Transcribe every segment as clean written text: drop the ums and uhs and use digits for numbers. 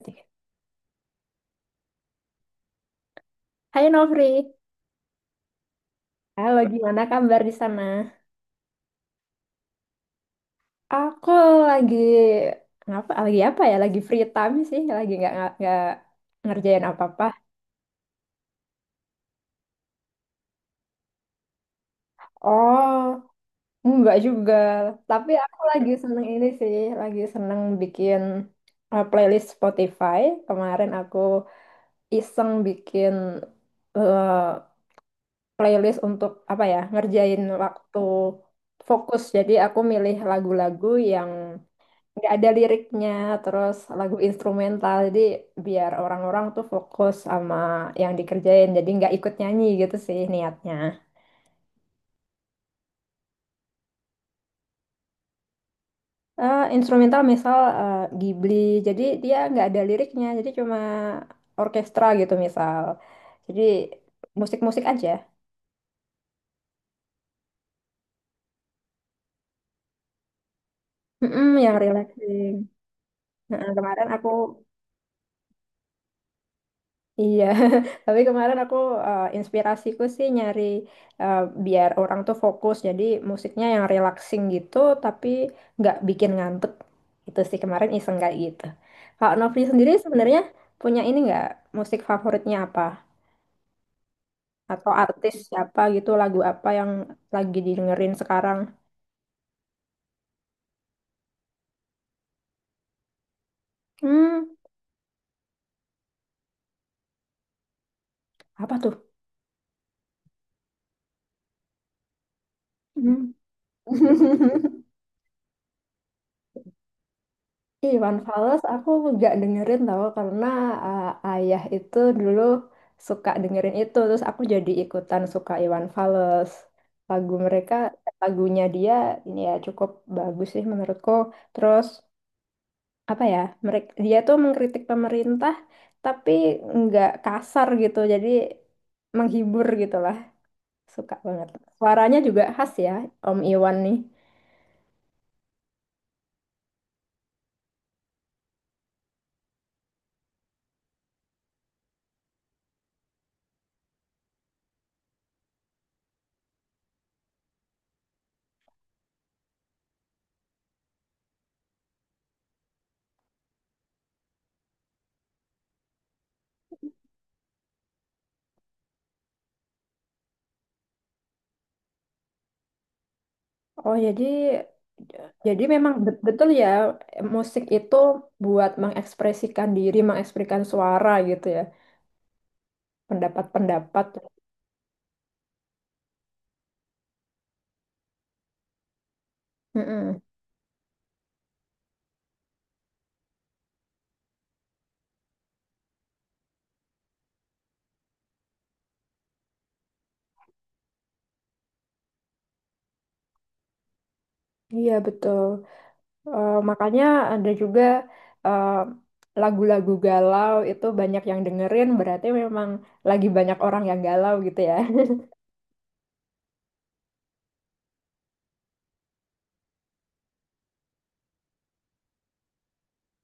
Oke. Hai Novri, halo, gimana kabar di sana? Aku lagi ngapa? Lagi apa ya? Lagi free time sih, lagi nggak ngerjain apa-apa. Oh, nggak juga. Tapi aku lagi seneng ini sih, lagi seneng bikin playlist Spotify. Kemarin aku iseng bikin uh, playlist untuk apa ya? Ngerjain waktu fokus. Jadi aku milih lagu-lagu yang nggak ada liriknya, terus lagu instrumental, jadi biar orang-orang tuh fokus sama yang dikerjain, jadi nggak ikut nyanyi gitu sih niatnya. Instrumental misal Ghibli, jadi dia nggak ada liriknya, jadi cuma orkestra gitu misal, jadi musik-musik aja. Mm-mm, yang relaxing. Nah, kemarin aku iya, tapi kemarin aku inspirasiku sih nyari eh, biar orang tuh fokus, jadi musiknya yang relaxing gitu, tapi nggak bikin ngantuk. Itu sih kemarin iseng kayak gitu. Kalau Novi sendiri sebenarnya punya ini nggak, musik favoritnya apa? Atau artis siapa gitu, lagu apa yang lagi didengerin sekarang? Hmm, apa tuh? Hmm. Ih, Iwan Fals aku nggak dengerin tau karena uh, ayah itu dulu suka dengerin itu, terus aku jadi ikutan suka Iwan Fals. lagu mereka Lagunya dia ini ya cukup bagus sih menurutku, terus apa ya, dia tuh mengkritik pemerintah tapi nggak kasar gitu, jadi menghibur gitu lah, suka banget, suaranya juga khas ya, Om Iwan nih. Oh, jadi memang betul ya, musik itu buat mengekspresikan diri, mengekspresikan suara gitu ya, pendapat-pendapat. Mm-mm. Iya, betul. Makanya ada juga eh, lagu-lagu galau itu banyak yang dengerin, berarti memang lagi banyak orang yang galau gitu ya.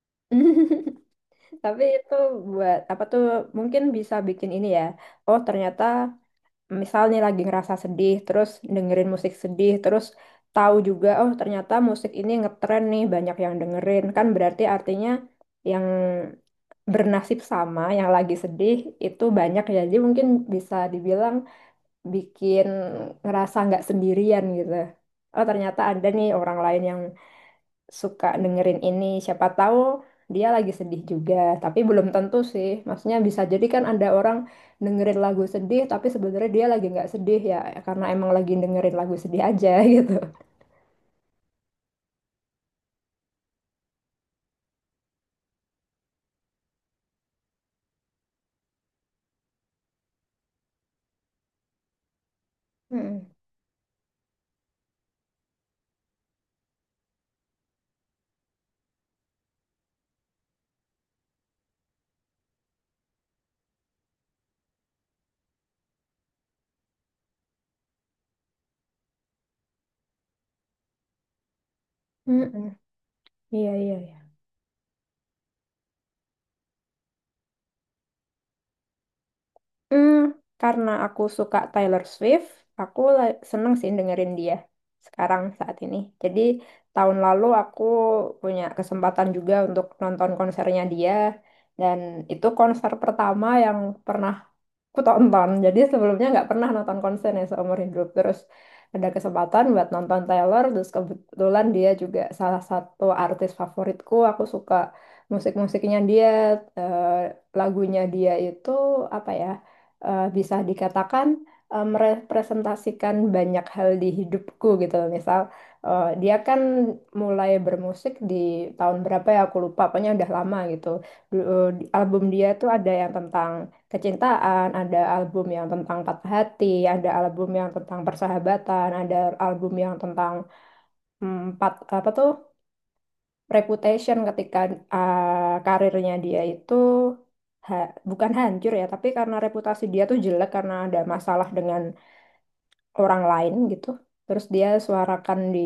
Tapi itu buat apa tuh? Mungkin bisa bikin ini ya. Oh, ternyata. Misal nih lagi ngerasa sedih, terus dengerin musik sedih, terus tahu juga, oh ternyata musik ini ngetren nih, banyak yang dengerin. Kan berarti artinya yang bernasib sama, yang lagi sedih, itu banyak ya. Jadi mungkin bisa dibilang bikin ngerasa nggak sendirian gitu. Oh, ternyata ada nih orang lain yang suka dengerin ini. Siapa tahu dia lagi sedih juga, tapi belum tentu sih. Maksudnya bisa jadi kan ada orang dengerin lagu sedih, tapi sebenarnya dia lagi nggak sedih ya, karena emang lagi dengerin lagu sedih aja gitu. Mm-mm. Mm-mm. Iya, iya. Hmm, karena aku suka Taylor Swift, aku seneng sih dengerin dia sekarang saat ini. Jadi tahun lalu aku punya kesempatan juga untuk nonton konsernya dia, dan itu konser pertama yang pernah aku tonton. Jadi sebelumnya nggak pernah nonton konsernya seumur hidup. Terus ada kesempatan buat nonton Taylor, terus kebetulan dia juga salah satu artis favoritku. Aku suka musik-musiknya dia, eh, lagunya dia itu apa ya? Bisa dikatakan merepresentasikan banyak hal di hidupku gitu loh. Misal dia kan mulai bermusik di tahun berapa ya aku lupa, pokoknya udah lama gitu. Album dia tuh ada yang tentang kecintaan, ada album yang tentang patah hati, ada album yang tentang persahabatan, ada album yang tentang hmm, empat apa tuh, reputation, ketika karirnya dia itu bukan hancur ya, tapi karena reputasi dia tuh jelek karena ada masalah dengan orang lain gitu. Terus dia suarakan di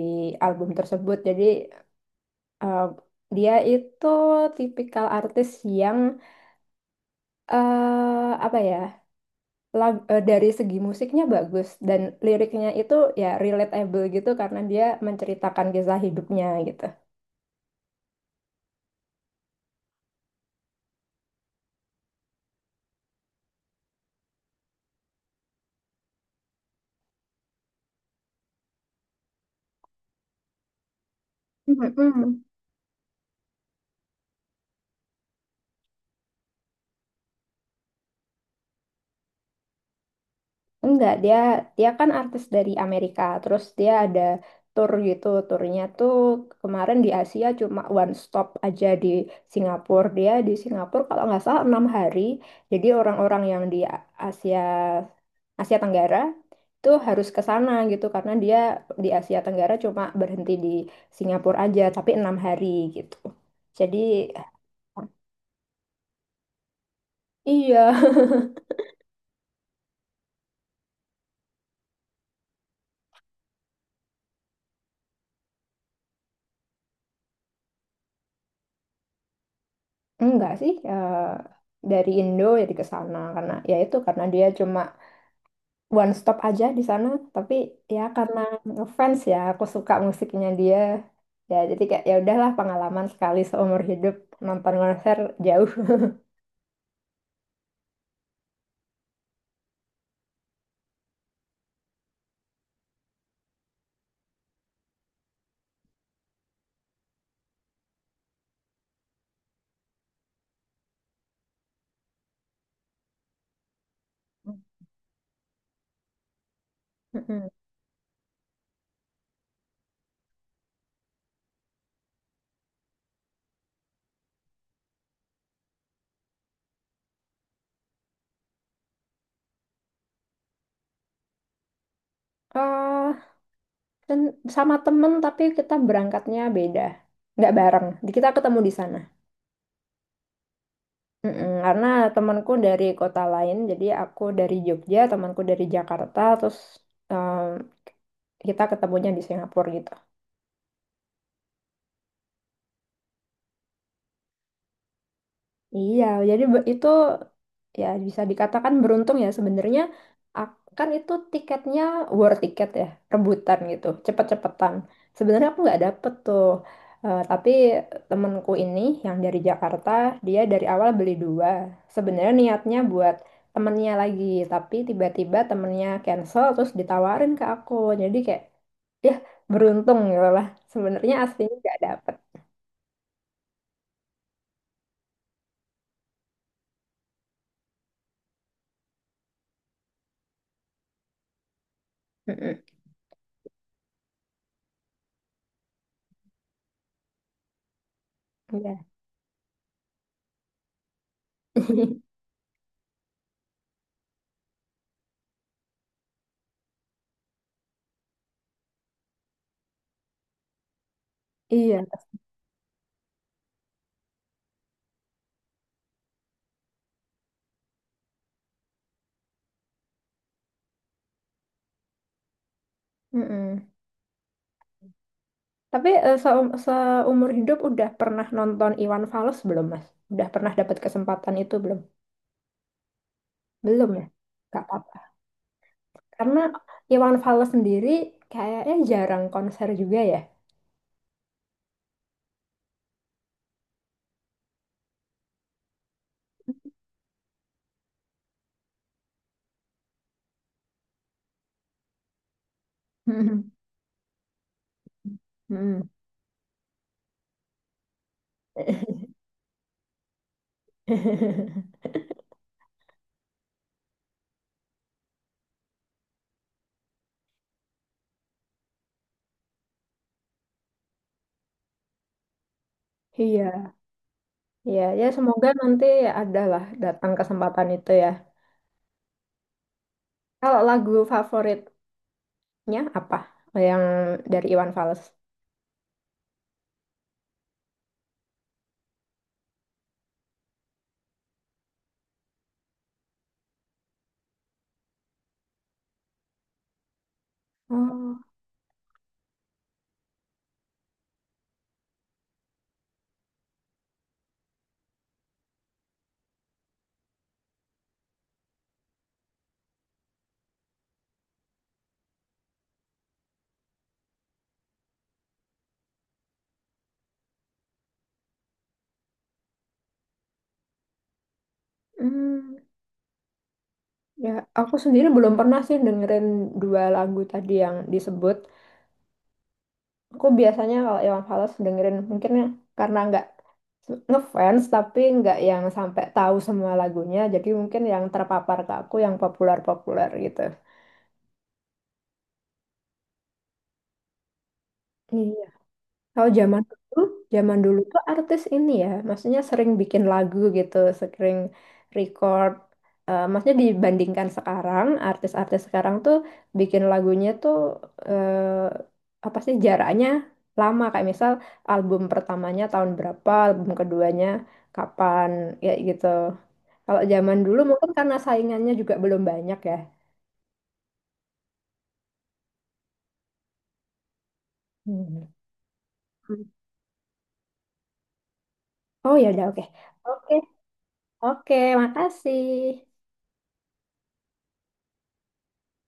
album tersebut. Jadi uh, dia itu tipikal artis yang eh apa ya, dari segi musiknya bagus dan liriknya itu ya relatable gitu karena dia menceritakan kisah hidupnya gitu. Mhm. Enggak, dia dia kan artis dari Amerika. Terus dia ada tour gitu. Turnya tuh kemarin di Asia cuma one stop aja di Singapura. Dia di Singapura kalau nggak salah 6 hari. Jadi orang-orang yang di Asia Asia Tenggara itu harus ke sana gitu karena dia di Asia Tenggara cuma berhenti di Singapura aja, tapi 6 hari gitu. Jadi iya, enggak sih. Dari Indo jadi ke sana karena ya itu, karena dia cuma one stop aja di sana, tapi ya karena ngefans ya, aku suka musiknya dia, ya jadi kayak ya udahlah, pengalaman sekali seumur hidup nonton konser jauh. Mm-mm. Eh, dan sama temen, tapi kita berangkatnya beda, nggak bareng. Jadi kita ketemu di sana. Mm-mm, karena temanku dari kota lain, jadi aku dari Jogja, temanku dari Jakarta, terus em, kita ketemunya di Singapura gitu. Iya, jadi itu ya bisa dikatakan beruntung ya sebenarnya. Kan itu tiketnya war tiket ya, rebutan gitu, cepet-cepetan. Sebenarnya aku nggak dapet tuh. Tapi temenku ini, yang dari Jakarta, dia dari awal beli dua. Sebenarnya niatnya buat temennya lagi, tapi tiba-tiba temennya cancel, terus ditawarin ke aku. Jadi kayak ya beruntung gitu lah. Sebenarnya aslinya nggak dapet. Mm-mm. Iya. Iya. Mm-mm. Tapi seumur hidup udah pernah nonton Iwan Fals belum, Mas? Udah pernah dapat kesempatan itu belum? Belum ya? Gak apa-apa. Karena Iwan Fals sendiri kayaknya jarang konser juga ya. Hmm. Iya, iya, ya semoga nanti ada lah datang kesempatan itu ya. Kalau lagu favoritnya apa? Yang dari Iwan Fals? Oh, hmm, ya aku sendiri belum pernah sih dengerin dua lagu tadi yang disebut. Aku biasanya kalau Iwan Fals dengerin mungkin ya, karena nggak ngefans, tapi nggak yang sampai tahu semua lagunya, jadi mungkin yang terpapar ke aku yang populer-populer gitu. Kalau zaman dulu, zaman dulu tuh artis ini ya, maksudnya sering bikin lagu gitu, sering record. Maksudnya dibandingkan sekarang, artis-artis sekarang tuh bikin lagunya tuh apa sih jaraknya, lama. Kayak misal album pertamanya tahun berapa, album keduanya kapan, ya gitu. Kalau zaman dulu mungkin karena saingannya juga belum banyak ya. Hmm. Oh ya udah, oke. Oke, oke, makasih.